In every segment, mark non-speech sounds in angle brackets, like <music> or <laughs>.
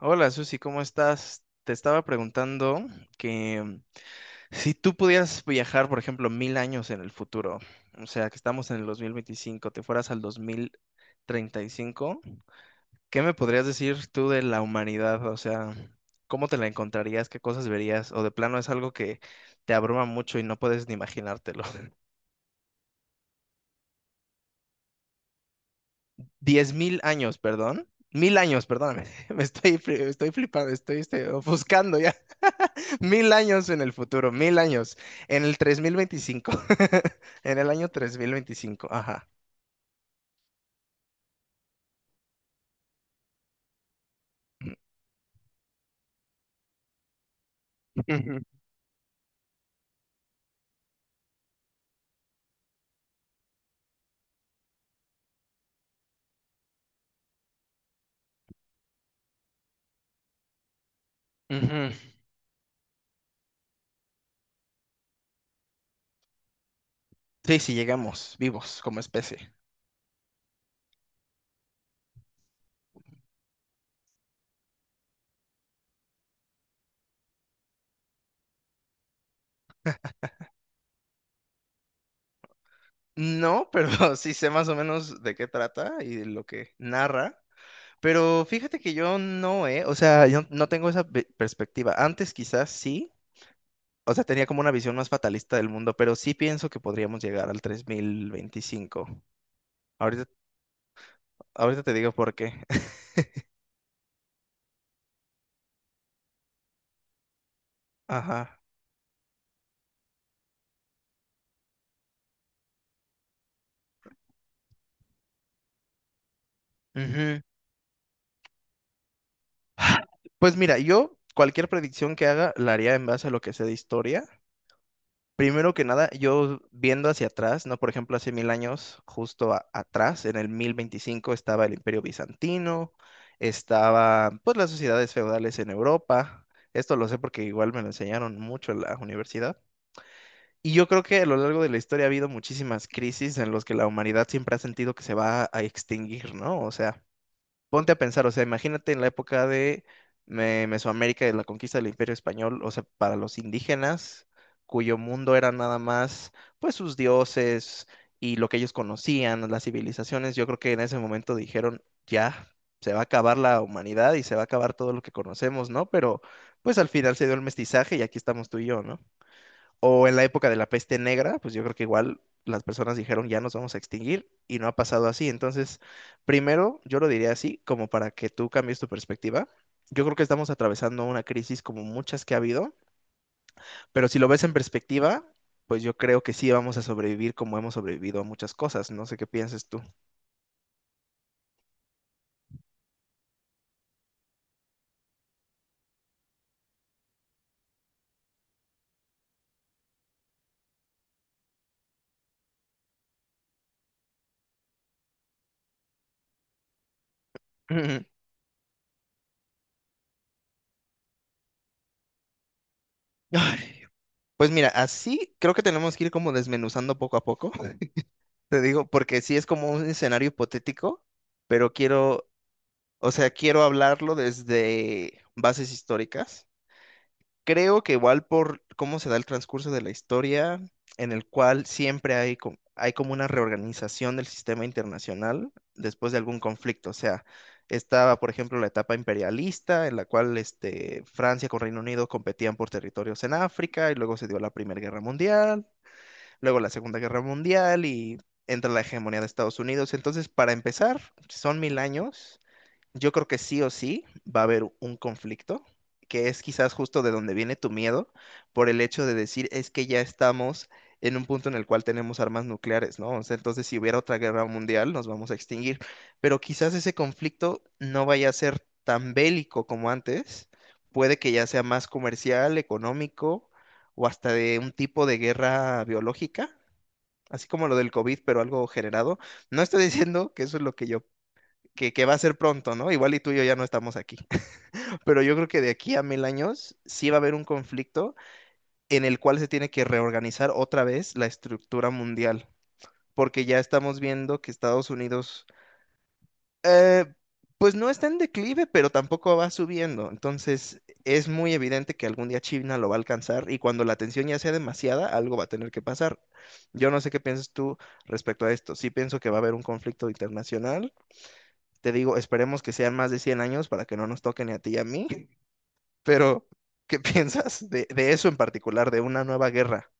Hola Susi, ¿cómo estás? Te estaba preguntando que si tú pudieras viajar, por ejemplo, 1000 años en el futuro, o sea, que estamos en el 2025, te fueras al 2035, ¿qué me podrías decir tú de la humanidad? O sea, ¿cómo te la encontrarías? ¿Qué cosas verías? O de plano es algo que te abruma mucho y no puedes ni imaginártelo. 10,000 años, perdón. 1000 años, perdóname. <laughs> Estoy flipando, estoy, ofuscando ya. <laughs> 1000 años en el futuro, 1000 años. En el 3025, <laughs> en el año 3025, ajá. Ujú, ujú. Sí, sí, llegamos vivos como especie. No, pero <laughs> sí sé más o menos de qué trata y de lo que narra. Pero fíjate que yo no, ¿eh? O sea, yo no tengo esa perspectiva. Antes quizás sí, o sea, tenía como una visión más fatalista del mundo, pero sí pienso que podríamos llegar al 3025. Ahorita, ahorita te digo por qué. <laughs> Ajá. Ujú. Pues mira, yo cualquier predicción que haga la haría en base a lo que sé de historia. Primero que nada, yo viendo hacia atrás, ¿no? Por ejemplo, hace 1000 años, justo atrás, en el 1025, estaba el Imperio Bizantino, estaba, pues, las sociedades feudales en Europa. Esto lo sé porque igual me lo enseñaron mucho en la universidad. Y yo creo que a lo largo de la historia ha habido muchísimas crisis en las que la humanidad siempre ha sentido que se va a extinguir, ¿no? O sea, ponte a pensar, o sea, imagínate en la época de Mesoamérica, de la conquista del Imperio Español, o sea, para los indígenas, cuyo mundo era nada más, pues, sus dioses y lo que ellos conocían, las civilizaciones. Yo creo que en ese momento dijeron, ya, se va a acabar la humanidad y se va a acabar todo lo que conocemos, ¿no? Pero, pues, al final se dio el mestizaje y aquí estamos tú y yo, ¿no? O en la época de la peste negra, pues yo creo que igual las personas dijeron ya nos vamos a extinguir y no ha pasado así. Entonces, primero, yo lo diría así, como para que tú cambies tu perspectiva. Yo creo que estamos atravesando una crisis como muchas que ha habido, pero si lo ves en perspectiva, pues yo creo que sí vamos a sobrevivir como hemos sobrevivido a muchas cosas. No sé qué pienses tú. Ujú. Ay, pues mira, así creo que tenemos que ir como desmenuzando poco a poco, <laughs> te digo, porque sí es como un escenario hipotético, pero quiero O sea, quiero hablarlo desde bases históricas. Creo que igual por cómo se da el transcurso de la historia, en el cual siempre hay, hay como una reorganización del sistema internacional después de algún conflicto. O sea, estaba, por ejemplo, la etapa imperialista, en la cual Francia con Reino Unido competían por territorios en África, y luego se dio la Primera Guerra Mundial, luego la Segunda Guerra Mundial, y entra la hegemonía de Estados Unidos. Entonces, para empezar, son 1000 años, yo creo que sí o sí va a haber un conflicto, que es quizás justo de donde viene tu miedo, por el hecho de decir es que ya estamos en un punto en el cual tenemos armas nucleares, ¿no? O sea, entonces si hubiera otra guerra mundial nos vamos a extinguir, pero quizás ese conflicto no vaya a ser tan bélico como antes, puede que ya sea más comercial, económico o hasta de un tipo de guerra biológica. Así como lo del COVID, pero algo generado. No estoy <laughs> diciendo que eso es lo que que va a ser pronto, ¿no? Igual y tú y yo ya no estamos aquí. <laughs> Pero yo creo que de aquí a 1000 años sí va a haber un conflicto en el cual se tiene que reorganizar otra vez la estructura mundial, porque ya estamos viendo que Estados Unidos, eh, pues no está en declive, pero tampoco va subiendo. Entonces es muy evidente que algún día China lo va a alcanzar y cuando la tensión ya sea demasiada, algo va a tener que pasar. Yo no sé qué piensas tú respecto a esto. Sí pienso que va a haber un conflicto internacional. Te digo, esperemos que sean más de 100 años para que no nos toquen ni a ti y a mí, pero ¿qué <laughs> piensas de eso en particular, de una nueva guerra?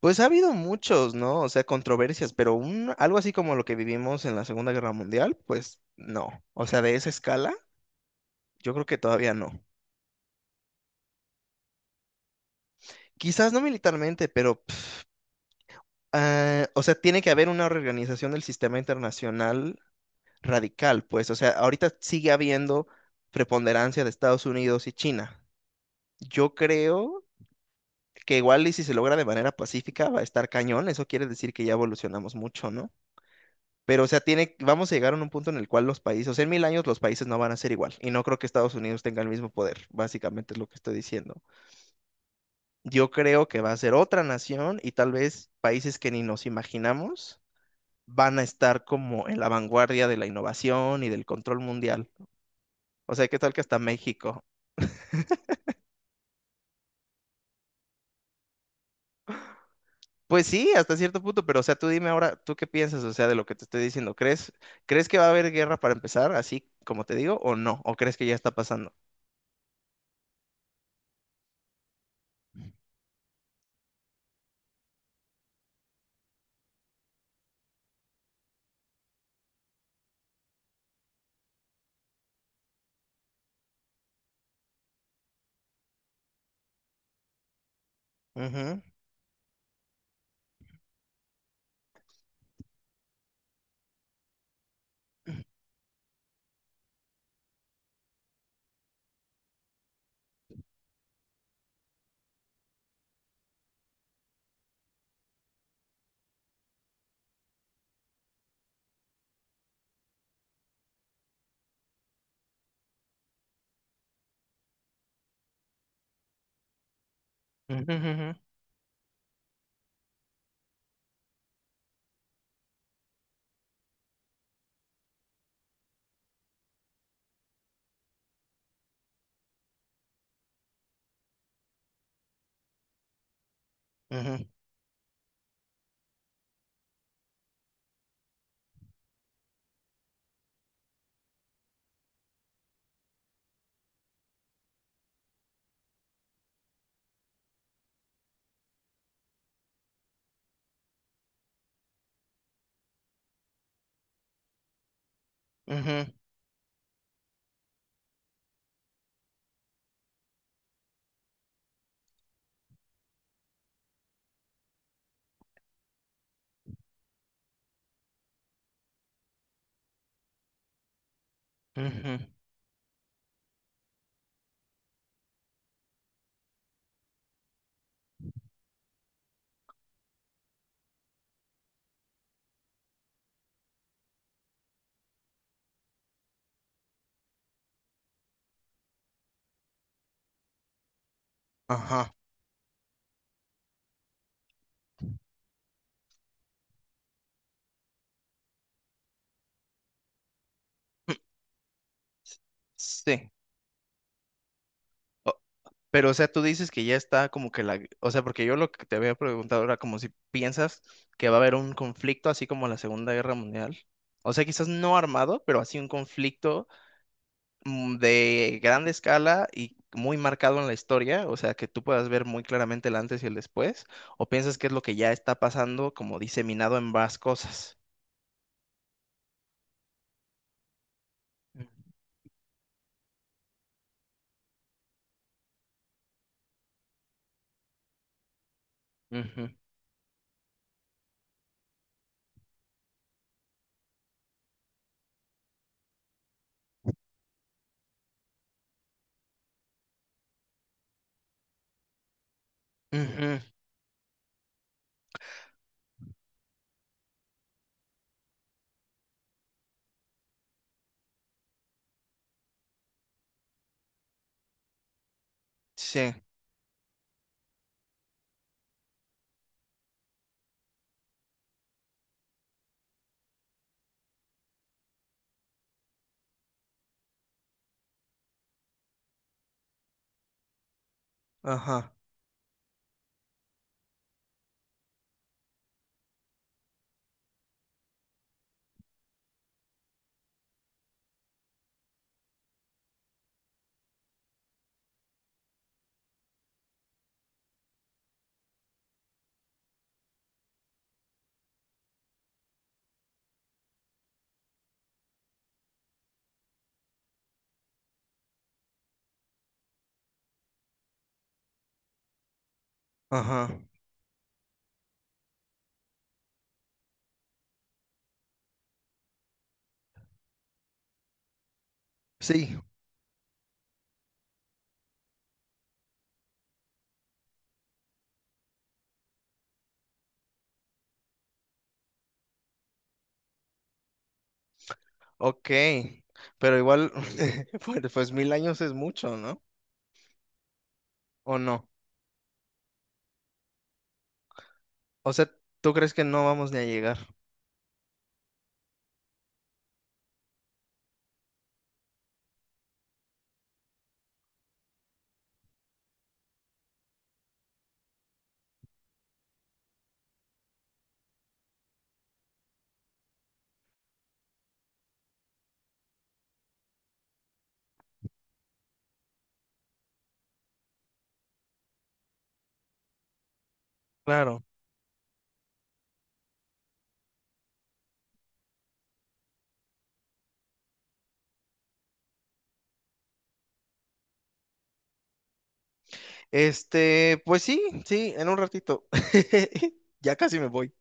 Pues ha habido muchos, ¿no? O sea, controversias, pero algo así como lo que vivimos en la Segunda Guerra Mundial, pues no. O sea, de esa escala, yo creo que todavía no. Quizás no militarmente, pero, pf, ah, o sea, tiene que haber una reorganización del sistema internacional radical, pues, o sea, ahorita sigue habiendo preponderancia de Estados Unidos y China. Yo creo que igual y si se logra de manera pacífica va a estar cañón, eso quiere decir que ya evolucionamos mucho, ¿no? Pero, o sea, tiene, vamos a llegar a un punto en el cual los países, o sea, en 1000 años los países no van a ser igual, y no creo que Estados Unidos tenga el mismo poder, básicamente es lo que estoy diciendo. Yo creo que va a ser otra nación y tal vez países que ni nos imaginamos van a estar como en la vanguardia de la innovación y del control mundial. O sea, ¿qué tal que hasta México? Pues sí, hasta cierto punto, pero o sea, tú dime ahora, ¿tú qué piensas, o sea, de lo que te estoy diciendo? ¿Crees, crees que va a haber guerra para empezar, así como te digo, o no? ¿O crees que ya está pasando? Ujú, ujú, ujú, ujú, ujú, ujú, ajá. Sí. O- Pero, o sea, tú dices que ya está como que la... O sea, porque yo lo que te había preguntado era como si piensas que va a haber un conflicto así como la Segunda Guerra Mundial. O sea, quizás no armado, pero así un conflicto de grande escala y muy marcado en la historia, o sea, que tú puedas ver muy claramente el antes y el después, o piensas que es lo que ya está pasando como diseminado en más cosas. Ujú, ujú, sí, ajá, ajá. Sí, ok. Pero igual, <laughs> pues mil años es mucho, ¿no? ¿O no? O sea, ¿tú crees que no vamos ni a llegar? Claro. Este, pues sí, sí, en un ratito. <laughs> Ya casi me voy.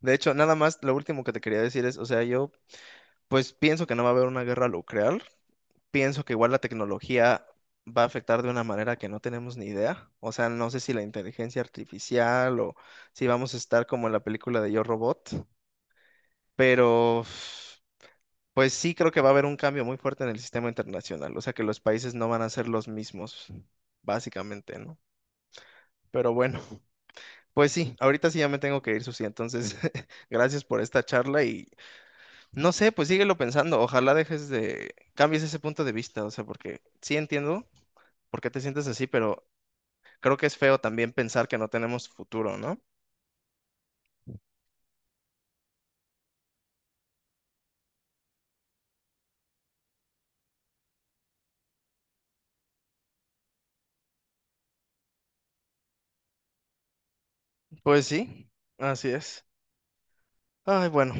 De hecho, nada más, lo último que te quería decir es, o sea, yo pues pienso que no va a haber una guerra nuclear, pienso que igual la tecnología va a afectar de una manera que no tenemos ni idea, o sea, no sé si la inteligencia artificial o si vamos a estar como en la película de Yo Robot, pero pues sí creo que va a haber un cambio muy fuerte en el sistema internacional, o sea, que los países no van a ser los mismos, básicamente, ¿no? Pero bueno, <laughs> pues sí, ahorita sí ya me tengo que ir, Susi, entonces <laughs> gracias por esta charla y. No sé, pues síguelo pensando. Ojalá cambies ese punto de vista, o sea, porque sí entiendo por qué te sientes así, pero creo que es feo también pensar que no tenemos futuro, ¿no? Pues sí, así es. Ay, bueno.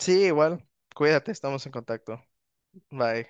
Sí, igual. Cuídate, estamos en contacto. Bye.